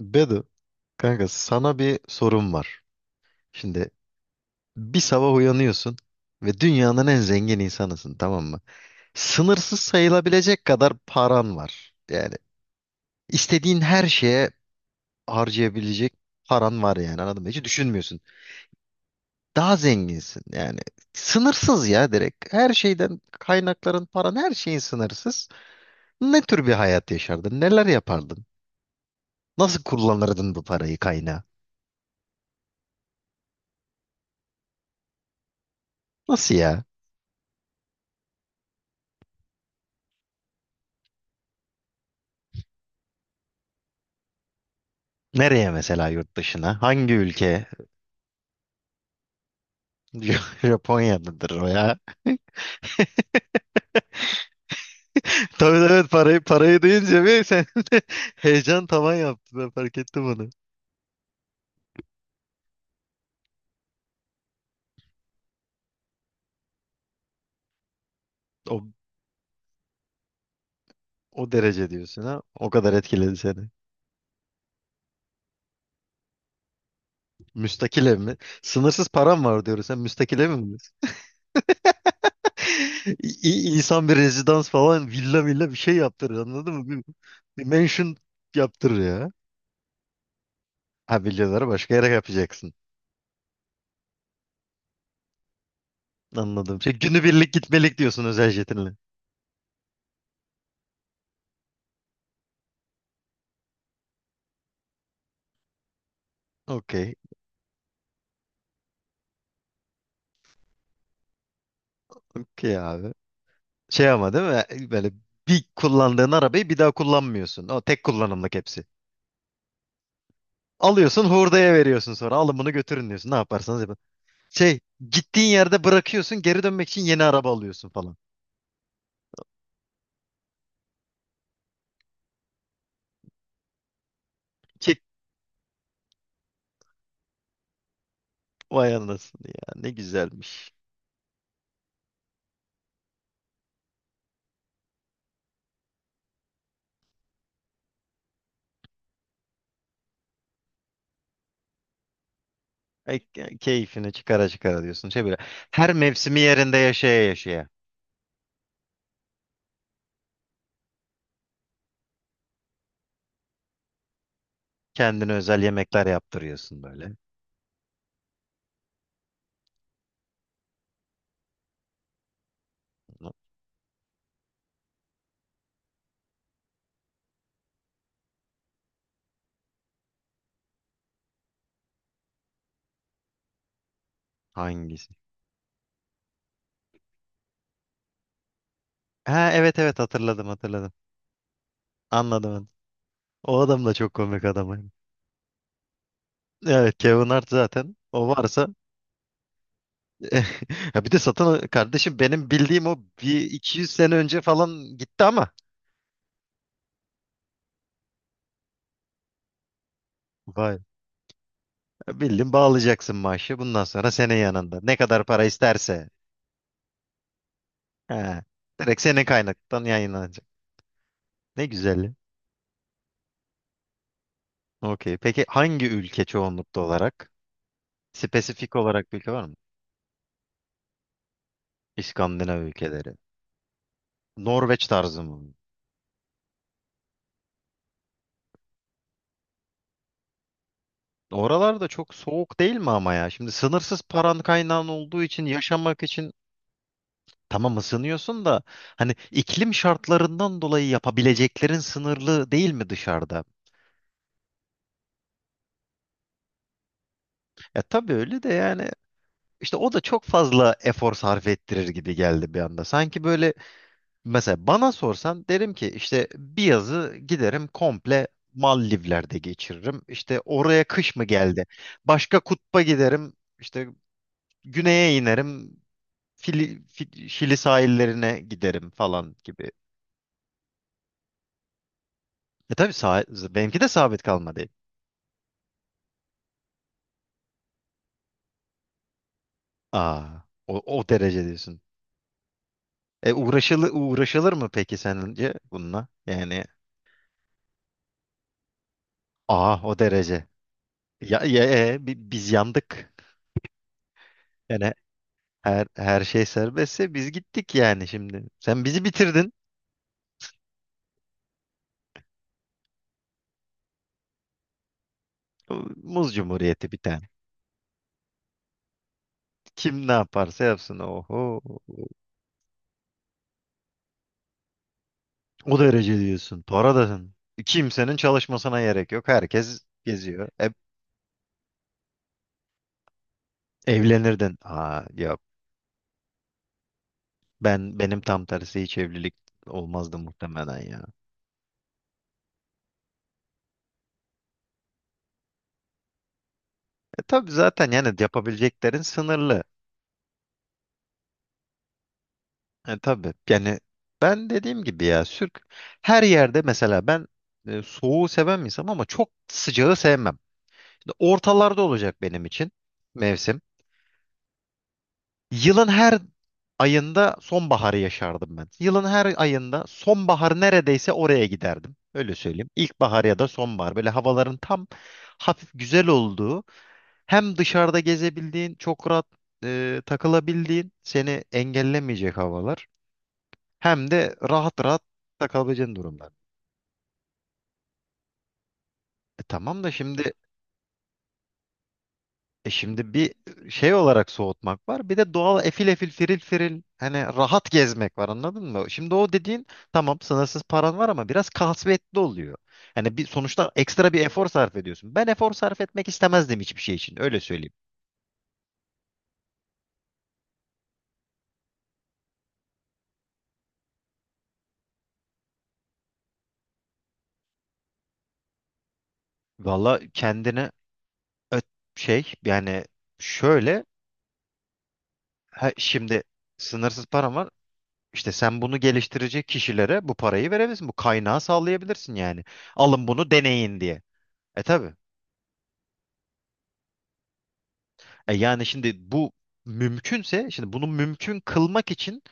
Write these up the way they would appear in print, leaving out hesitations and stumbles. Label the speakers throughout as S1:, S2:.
S1: Bedu, kanka sana bir sorum var. Şimdi bir sabah uyanıyorsun ve dünyanın en zengin insanısın, tamam mı? Sınırsız sayılabilecek kadar paran var. Yani istediğin her şeye harcayabilecek paran var, yani anladın mı? Hiç düşünmüyorsun. Daha zenginsin yani. Sınırsız ya, direkt. Her şeyden kaynakların, paran, her şeyin sınırsız. Ne tür bir hayat yaşardın? Neler yapardın? Nasıl kullanırdın bu parayı, kaynağı? Nasıl ya? Nereye mesela, yurt dışına? Hangi ülke? Japonya'dadır o ya. Tabii, evet, parayı parayı deyince bir sen de heyecan tavan yaptı, ben fark ettim onu. O, o derece diyorsun ha. O kadar etkiledi seni. Müstakil ev mi? Sınırsız param var diyoruz. Sen müstakil ev mi diyorsun? İnsan bir rezidans falan, villa villa bir şey yaptırır anladın mı? Bir mansion yaptırır ya. Ha, villaları başka yere yapacaksın. Anladım. Şey, günübirlik gitmelik diyorsun özel jetinle. Okey. Ki abi. Şey, ama değil mi? Böyle bir kullandığın arabayı bir daha kullanmıyorsun. O tek kullanımlık hepsi. Alıyorsun, hurdaya veriyorsun sonra. Alın bunu götürün diyorsun. Ne yaparsanız yapın. Şey, gittiğin yerde bırakıyorsun. Geri dönmek için yeni araba alıyorsun falan. Çek, vay anasını ya. Ne güzelmiş. Ay, keyfini çıkara çıkara diyorsun. Şey böyle, her mevsimi yerinde yaşaya yaşaya. Kendine özel yemekler yaptırıyorsun böyle. Hangisi? Ha, evet evet, hatırladım hatırladım. Anladım. Anladım. O adam da çok komik adam. Evet, Kevin Hart zaten o varsa ya, bir de satın, kardeşim, benim bildiğim o bir iki yüz sene önce falan gitti ama vay, bildim, bağlayacaksın maaşı bundan sonra, senin yanında ne kadar para isterse. He, direkt senin kaynaktan yayınlanacak ne güzelliği. Okey, peki hangi ülke çoğunlukta olarak, spesifik olarak bir ülke var mı? İskandinav ülkeleri, Norveç tarzı mı? Oralarda çok soğuk değil mi ama ya? Şimdi sınırsız paran, kaynağın olduğu için yaşamak için. Tamam, ısınıyorsun da hani iklim şartlarından dolayı yapabileceklerin sınırlı değil mi dışarıda? E tabii öyle de yani, işte o da çok fazla efor sarf ettirir gibi geldi bir anda. Sanki böyle, mesela bana sorsan derim ki işte bir yazı giderim komple Maldivler'de geçiririm. İşte oraya kış mı geldi? Başka kutba giderim, işte güneye inerim, Şili sahillerine giderim falan gibi. E tabii, benimki de sabit kalmadı. Aa, o derece diyorsun. E, uğraşılır mı peki sence bununla? Yani aa, o derece. Ya, ya, biz yandık. Yani her şey serbestse biz gittik yani şimdi. Sen bizi bitirdin. Muz Cumhuriyeti bir tane. Kim ne yaparsa yapsın. Oho. O derece diyorsun. Para da kimsenin çalışmasına gerek yok. Herkes geziyor. E, evlenirdin. Aa yok. Ben, benim tam tersi, hiç evlilik olmazdı muhtemelen ya. E tabii, zaten yani yapabileceklerin sınırlı. E tabii yani, ben dediğim gibi ya her yerde mesela ben soğuğu seven bir insanım ama çok sıcağı sevmem. Şimdi ortalarda olacak benim için mevsim. Yılın her ayında sonbaharı yaşardım ben. Yılın her ayında sonbahar neredeyse, oraya giderdim. Öyle söyleyeyim. İlkbahar ya da sonbahar. Böyle havaların tam hafif güzel olduğu, hem dışarıda gezebildiğin, çok rahat takılabildiğin, seni engellemeyecek havalar. Hem de rahat rahat takılabileceğin durumlar. E tamam da şimdi, e şimdi bir şey olarak soğutmak var. Bir de doğal efil efil firil firil, hani rahat gezmek var anladın mı? Şimdi o dediğin, tamam sınırsız paran var ama biraz kasvetli oluyor. Hani bir sonuçta ekstra bir efor sarf ediyorsun. Ben efor sarf etmek istemezdim hiçbir şey için, öyle söyleyeyim. Valla kendini, ö- şey yani şöyle, ha, şimdi sınırsız paran var. İşte sen bunu geliştirecek kişilere bu parayı verebilirsin. Bu kaynağı sağlayabilirsin yani. Alın bunu deneyin diye. E tabi. E yani şimdi bu mümkünse, şimdi bunu mümkün kılmak için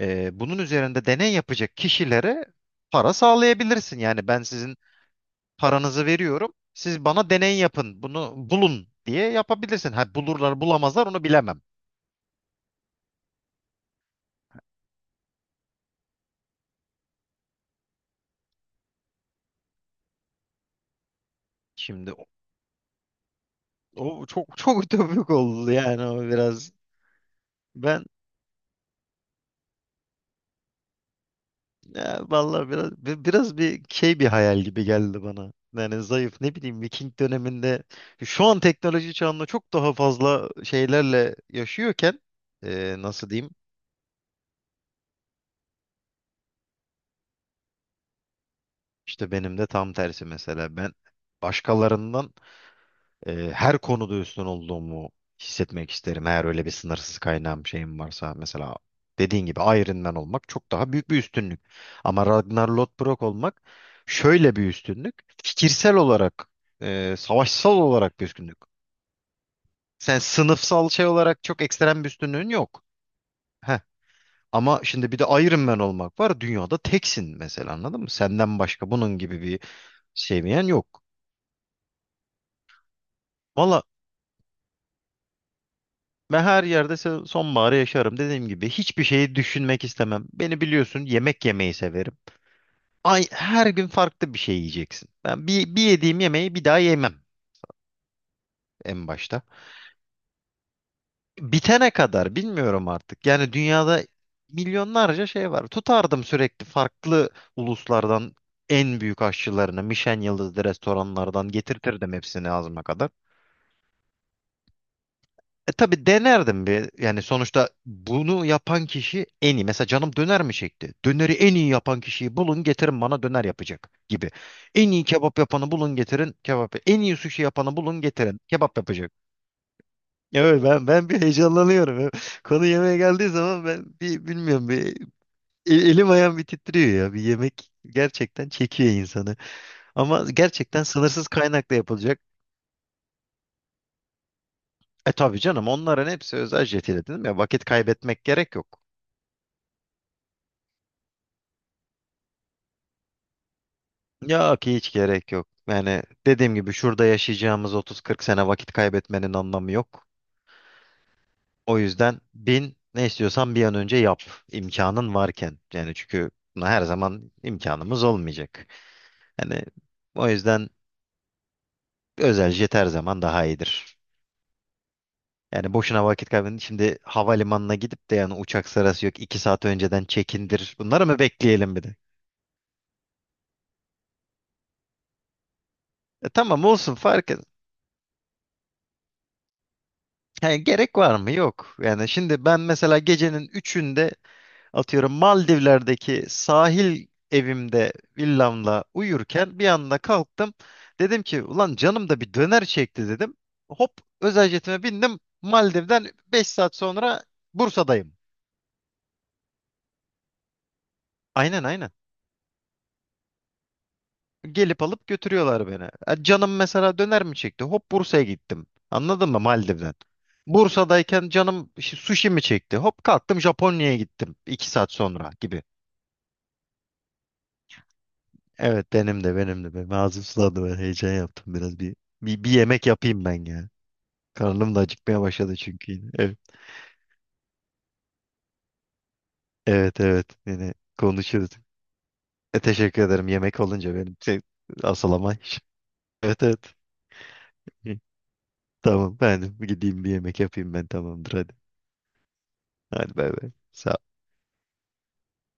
S1: bunun üzerinde deney yapacak kişilere para sağlayabilirsin. Yani ben sizin paranızı veriyorum, siz bana deney yapın, bunu bulun diye yapabilirsin. Ha, bulurlar bulamazlar onu bilemem. Şimdi o çok çok ütopik oldu yani, o biraz. Ben Ya vallahi biraz, biraz bir şey, bir hayal gibi geldi bana. Yani zayıf, ne bileyim Viking döneminde, şu an teknoloji çağında çok daha fazla şeylerle yaşıyorken, nasıl diyeyim? İşte benim de tam tersi, mesela ben başkalarından her konuda üstün olduğumu hissetmek isterim. Eğer öyle bir sınırsız kaynağım, şeyim varsa, mesela dediğin gibi Iron Man olmak çok daha büyük bir üstünlük. Ama Ragnar Lothbrok olmak şöyle bir üstünlük. Fikirsel olarak, savaşsal olarak bir üstünlük. Sen sınıfsal şey olarak çok ekstrem bir üstünlüğün yok. Heh. Ama şimdi bir de Iron Man olmak var. Dünyada teksin mesela anladın mı? Senden başka bunun gibi bir sevmeyen yok. Valla, ben her yerde sonbaharı yaşarım. Dediğim gibi hiçbir şeyi düşünmek istemem. Beni biliyorsun, yemek yemeyi severim. Ay, her gün farklı bir şey yiyeceksin. Ben bir yediğim yemeği bir daha yemem en başta. Bitene kadar bilmiyorum artık. Yani dünyada milyonlarca şey var. Tutardım sürekli farklı uluslardan en büyük aşçılarını, Michelin yıldızlı restoranlardan getirtirdim hepsini ağzıma kadar. E tabii, denerdim bir. Yani sonuçta bunu yapan kişi en iyi. Mesela canım döner mi çekti? Döneri en iyi yapan kişiyi bulun getirin, bana döner yapacak gibi. En iyi kebap yapanı bulun getirin kebap. En iyi sushi yapanı bulun getirin kebap yapacak. Evet, ben bir heyecanlanıyorum. Konu yemeğe geldiği zaman ben bir bilmiyorum, bir elim ayağım bir titriyor ya. Bir yemek gerçekten çekiyor insanı. Ama gerçekten sınırsız kaynakla yapılacak. E tabii canım, onların hepsi özel jetiyle, dedim ya, vakit kaybetmek gerek yok. Ya, ki hiç gerek yok. Yani dediğim gibi, şurada yaşayacağımız 30-40 sene, vakit kaybetmenin anlamı yok. O yüzden bin, ne istiyorsan bir an önce yap imkanın varken. Yani çünkü buna her zaman imkanımız olmayacak. Yani o yüzden özel jet her zaman daha iyidir. Yani boşuna vakit kaybedin. Şimdi havalimanına gidip de, yani uçak sırası yok. 2 saat önceden check-in'dir. Bunları mı bekleyelim bir de? E tamam, olsun fark et. Yani gerek var mı? Yok. Yani şimdi ben mesela gecenin üçünde, atıyorum Maldivler'deki sahil evimde villamla uyurken bir anda kalktım. Dedim ki ulan, canım da bir döner çekti dedim. Hop, özel jetime bindim. Maldiv'den 5 saat sonra Bursa'dayım. Aynen, aynen. Gelip alıp götürüyorlar beni. E, canım mesela döner mi çekti? Hop, Bursa'ya gittim. Anladın mı, Maldiv'den? Bursa'dayken canım sushi mi çekti? Hop kalktım, Japonya'ya gittim 2 saat sonra gibi. Evet, benim de, benim de. Benim ağzım sulandı, ben heyecan yaptım biraz. Bir yemek yapayım ben ya. Karnım da acıkmaya başladı çünkü. Yine. Evet evet evet. Yine konuşuruz. E, teşekkür ederim, yemek olunca benim şey, asıl ama iş. Evet evet. Hı. Tamam, ben gideyim bir yemek yapayım, ben, tamamdır, hadi. Hadi bay bay. Sağ